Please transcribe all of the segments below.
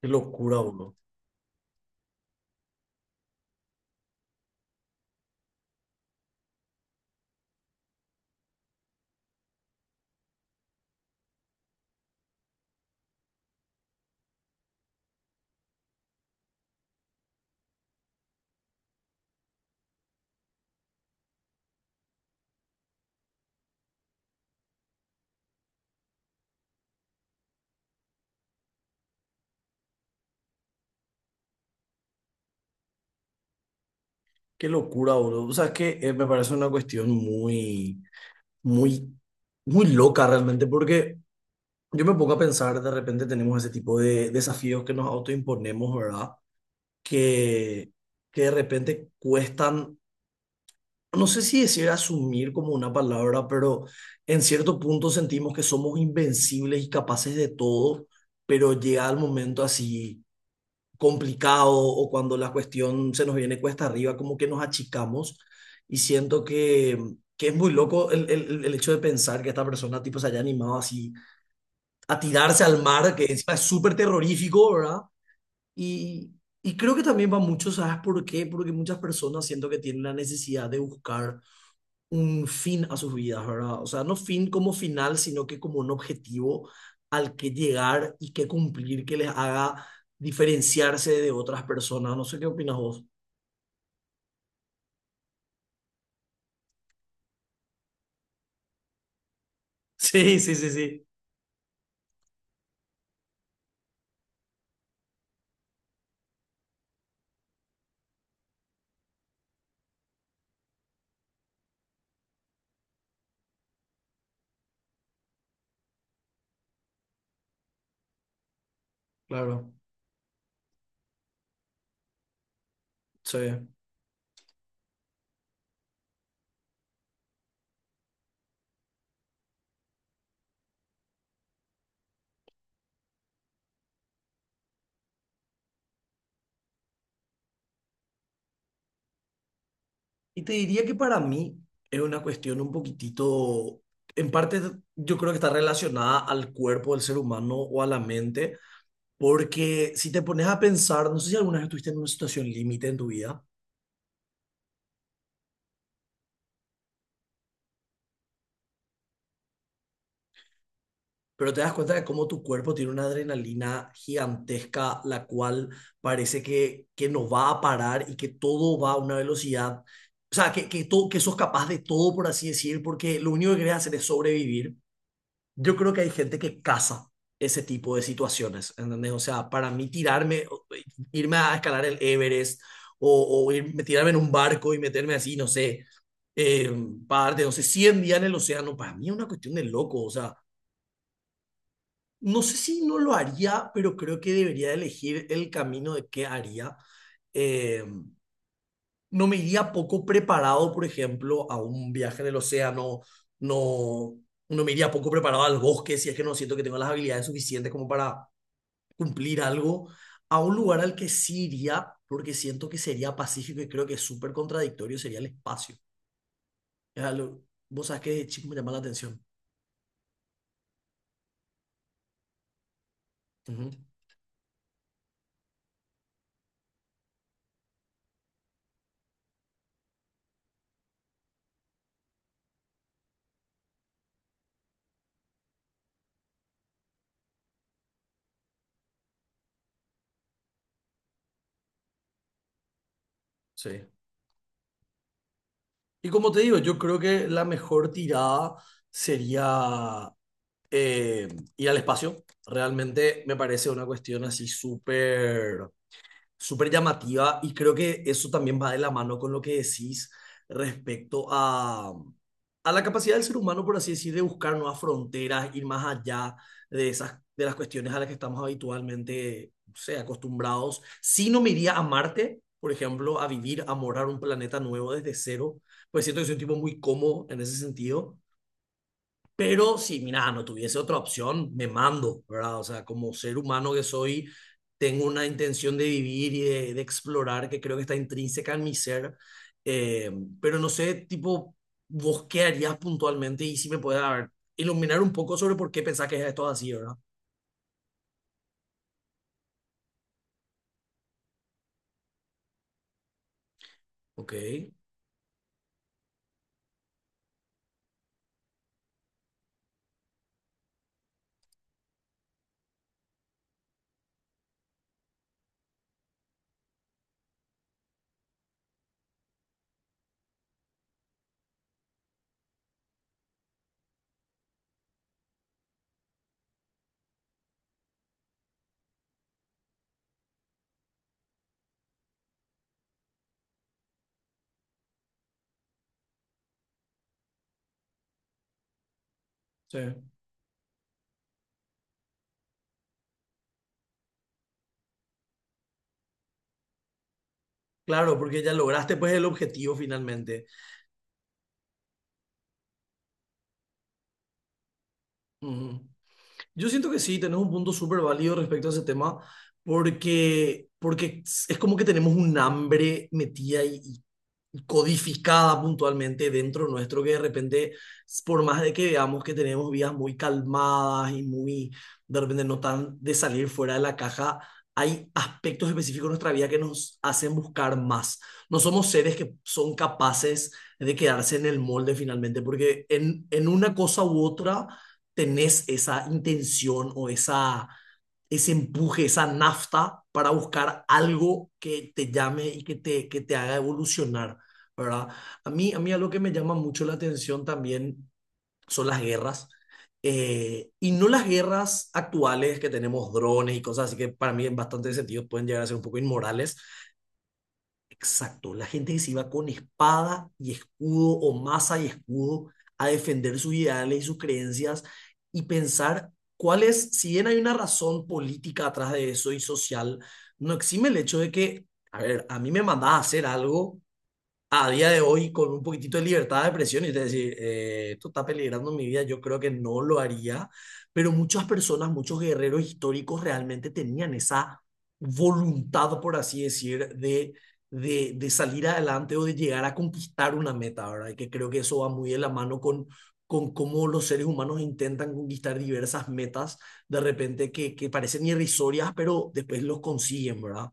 Qué locura, bro. Qué locura, bro. O sea, es que me parece una cuestión muy, muy loca realmente, porque yo me pongo a pensar, de repente tenemos ese tipo de desafíos que nos autoimponemos, ¿verdad? Que, que de repente cuestan, no sé si decir asumir como una palabra, pero en cierto punto sentimos que somos invencibles y capaces de todo, pero llega el momento así complicado o cuando la cuestión se nos viene cuesta arriba, como que nos achicamos y que es muy loco el hecho de pensar que esta persona tipo se haya animado así a tirarse al mar, que encima es súper terrorífico, ¿verdad? Y, y creo que también va mucho, ¿sabes por qué? Porque muchas personas siento que tienen la necesidad de buscar un fin a sus vidas, ¿verdad? O sea, no fin como final, sino que como un objetivo al que llegar y que cumplir, que les haga diferenciarse de otras personas. No sé qué opinas vos. Sí, sí, sí, sí. Claro, sí. Y te diría que para mí es una cuestión un poquitito, en parte yo creo que está relacionada al cuerpo del ser humano o a la mente, porque si te pones a pensar, no sé si alguna vez estuviste en una situación límite en tu vida. Pero te das cuenta de cómo tu cuerpo tiene una adrenalina gigantesca, la cual parece que no va a parar y que todo va a una velocidad, o sea, que sos capaz de todo, por así decir, porque lo único que querés hacer es sobrevivir. Yo creo que hay gente que caza ese tipo de situaciones, ¿entendés? O sea, para mí tirarme, irme a escalar el Everest o irme, tirarme en un barco y meterme así, no sé, eh, parte, no sé, 100 días en el océano, para mí es una cuestión de loco, o sea, no sé si no lo haría, pero creo que debería elegir el camino de qué haría. Eh, no me iría poco preparado, por ejemplo, a un viaje en el océano, no, no me iría poco preparado al bosque si es que no siento que tengo las habilidades suficientes como para cumplir algo, a un lugar al que sí iría, porque siento que sería pacífico y creo que es súper contradictorio, sería el espacio. Es algo- vos sabés que de chico me llama la atención. Ujú, sí. Y como te digo, yo creo que la mejor tirada sería eh, ir al espacio. Realmente me parece una cuestión así súper súper llamativa y creo que eso también va de la mano con lo que decís respecto a la capacidad del ser humano, por así decir, de buscar nuevas fronteras, ir más allá de esas, de las cuestiones a las que estamos habitualmente, no sé, acostumbrados. Si no me iría a Marte, por ejemplo, a vivir, a morar un planeta nuevo desde cero, pues siento que soy un tipo muy cómodo en ese sentido. Pero si, mira, no tuviese otra opción, me mando, ¿verdad? O sea, como ser humano que soy, tengo una intención de vivir y de explorar que creo que está intrínseca en mi ser. Eh, pero no sé, tipo, vos qué harías puntualmente y si me puedes a ver, iluminar un poco sobre por qué pensás que esto es así, ¿verdad? Ok. Sí. Claro, porque ya lograste pues el objetivo finalmente. Ujú. Yo siento que sí, tenés un punto súper válido respecto a ese tema, porque es como que tenemos un hambre metida y codificada puntualmente dentro nuestro que de repente, por más de que veamos que tenemos vidas muy calmadas y muy, de repente no tan de salir fuera de la caja, hay aspectos específicos de nuestra vida que nos hacen buscar más. No somos seres que son capaces de quedarse en el molde finalmente, porque en una cosa u otra tenés esa intención o esa, ese empuje, esa nafta para buscar algo que te llame y que que te haga evolucionar. ¿Verdad? A mí algo que me llama mucho la atención también son las guerras. Y no las guerras actuales que tenemos drones y cosas así que para mí en bastantes sentidos pueden llegar a ser un poco inmorales. Exacto, la gente que se iba con espada y escudo o masa y escudo a defender sus ideales y sus creencias y pensar cuál es, si bien hay una razón política atrás de eso y social, no exime el hecho de que, a ver, a mí me mandás a hacer algo a día de hoy con un poquitito de libertad de expresión y usted decir, esto está peligrando mi vida, yo creo que no lo haría, pero muchas personas, muchos guerreros históricos realmente tenían esa voluntad, por así decir, de salir adelante o de llegar a conquistar una meta, ¿verdad? Y que creo que eso va muy de la mano con cómo los seres humanos intentan conquistar diversas metas de repente que parecen irrisorias, pero después los consiguen, ¿verdad?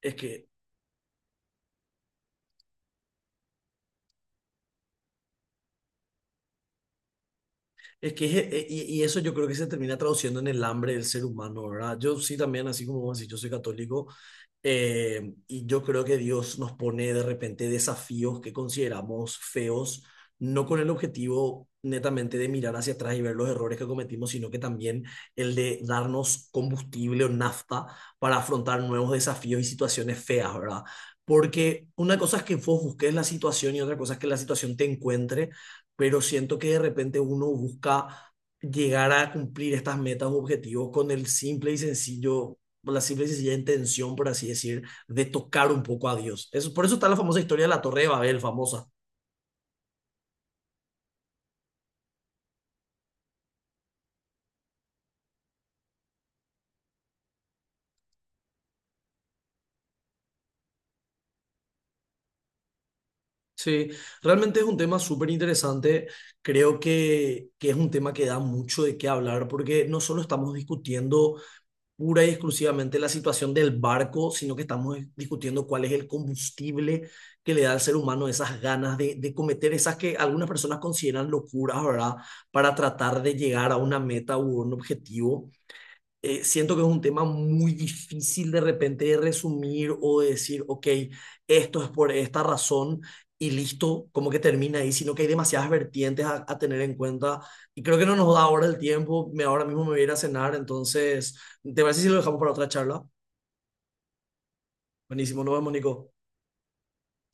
Es que Es que, es- y eso yo creo que se termina traduciendo en el hambre del ser humano, ¿verdad? Yo sí también, así como vos decís, yo soy católico, y yo creo que Dios nos pone de repente desafíos que consideramos feos, no con el objetivo netamente de mirar hacia atrás y ver los errores que cometimos, sino que también el de darnos combustible o nafta para afrontar nuevos desafíos y situaciones feas, ¿verdad? Porque una cosa es que vos busques la situación y otra cosa es que la situación te encuentre, pero siento que de repente uno busca llegar a cumplir estas metas o objetivos con el simple y sencillo, la simple y sencilla intención, por así decir, de tocar un poco a Dios. Eso, por eso está la famosa historia de la Torre de Babel, famosa. Sí, realmente es un tema súper interesante. Creo que es un tema que da mucho de qué hablar porque no solo estamos discutiendo pura y exclusivamente la situación del barco, sino que estamos discutiendo cuál es el combustible que le da al ser humano esas ganas de cometer esas que algunas personas consideran locuras, ¿verdad? Para tratar de llegar a una meta u un objetivo siento que es un tema muy difícil de repente de resumir o de decir, ok, esto es por esta razón y listo, como que termina ahí, sino que hay demasiadas vertientes a tener en cuenta y creo que no nos da ahora el tiempo, ahora mismo me voy a ir a cenar, entonces, ¿te parece si lo dejamos para otra charla? Buenísimo, nos vemos, Nico.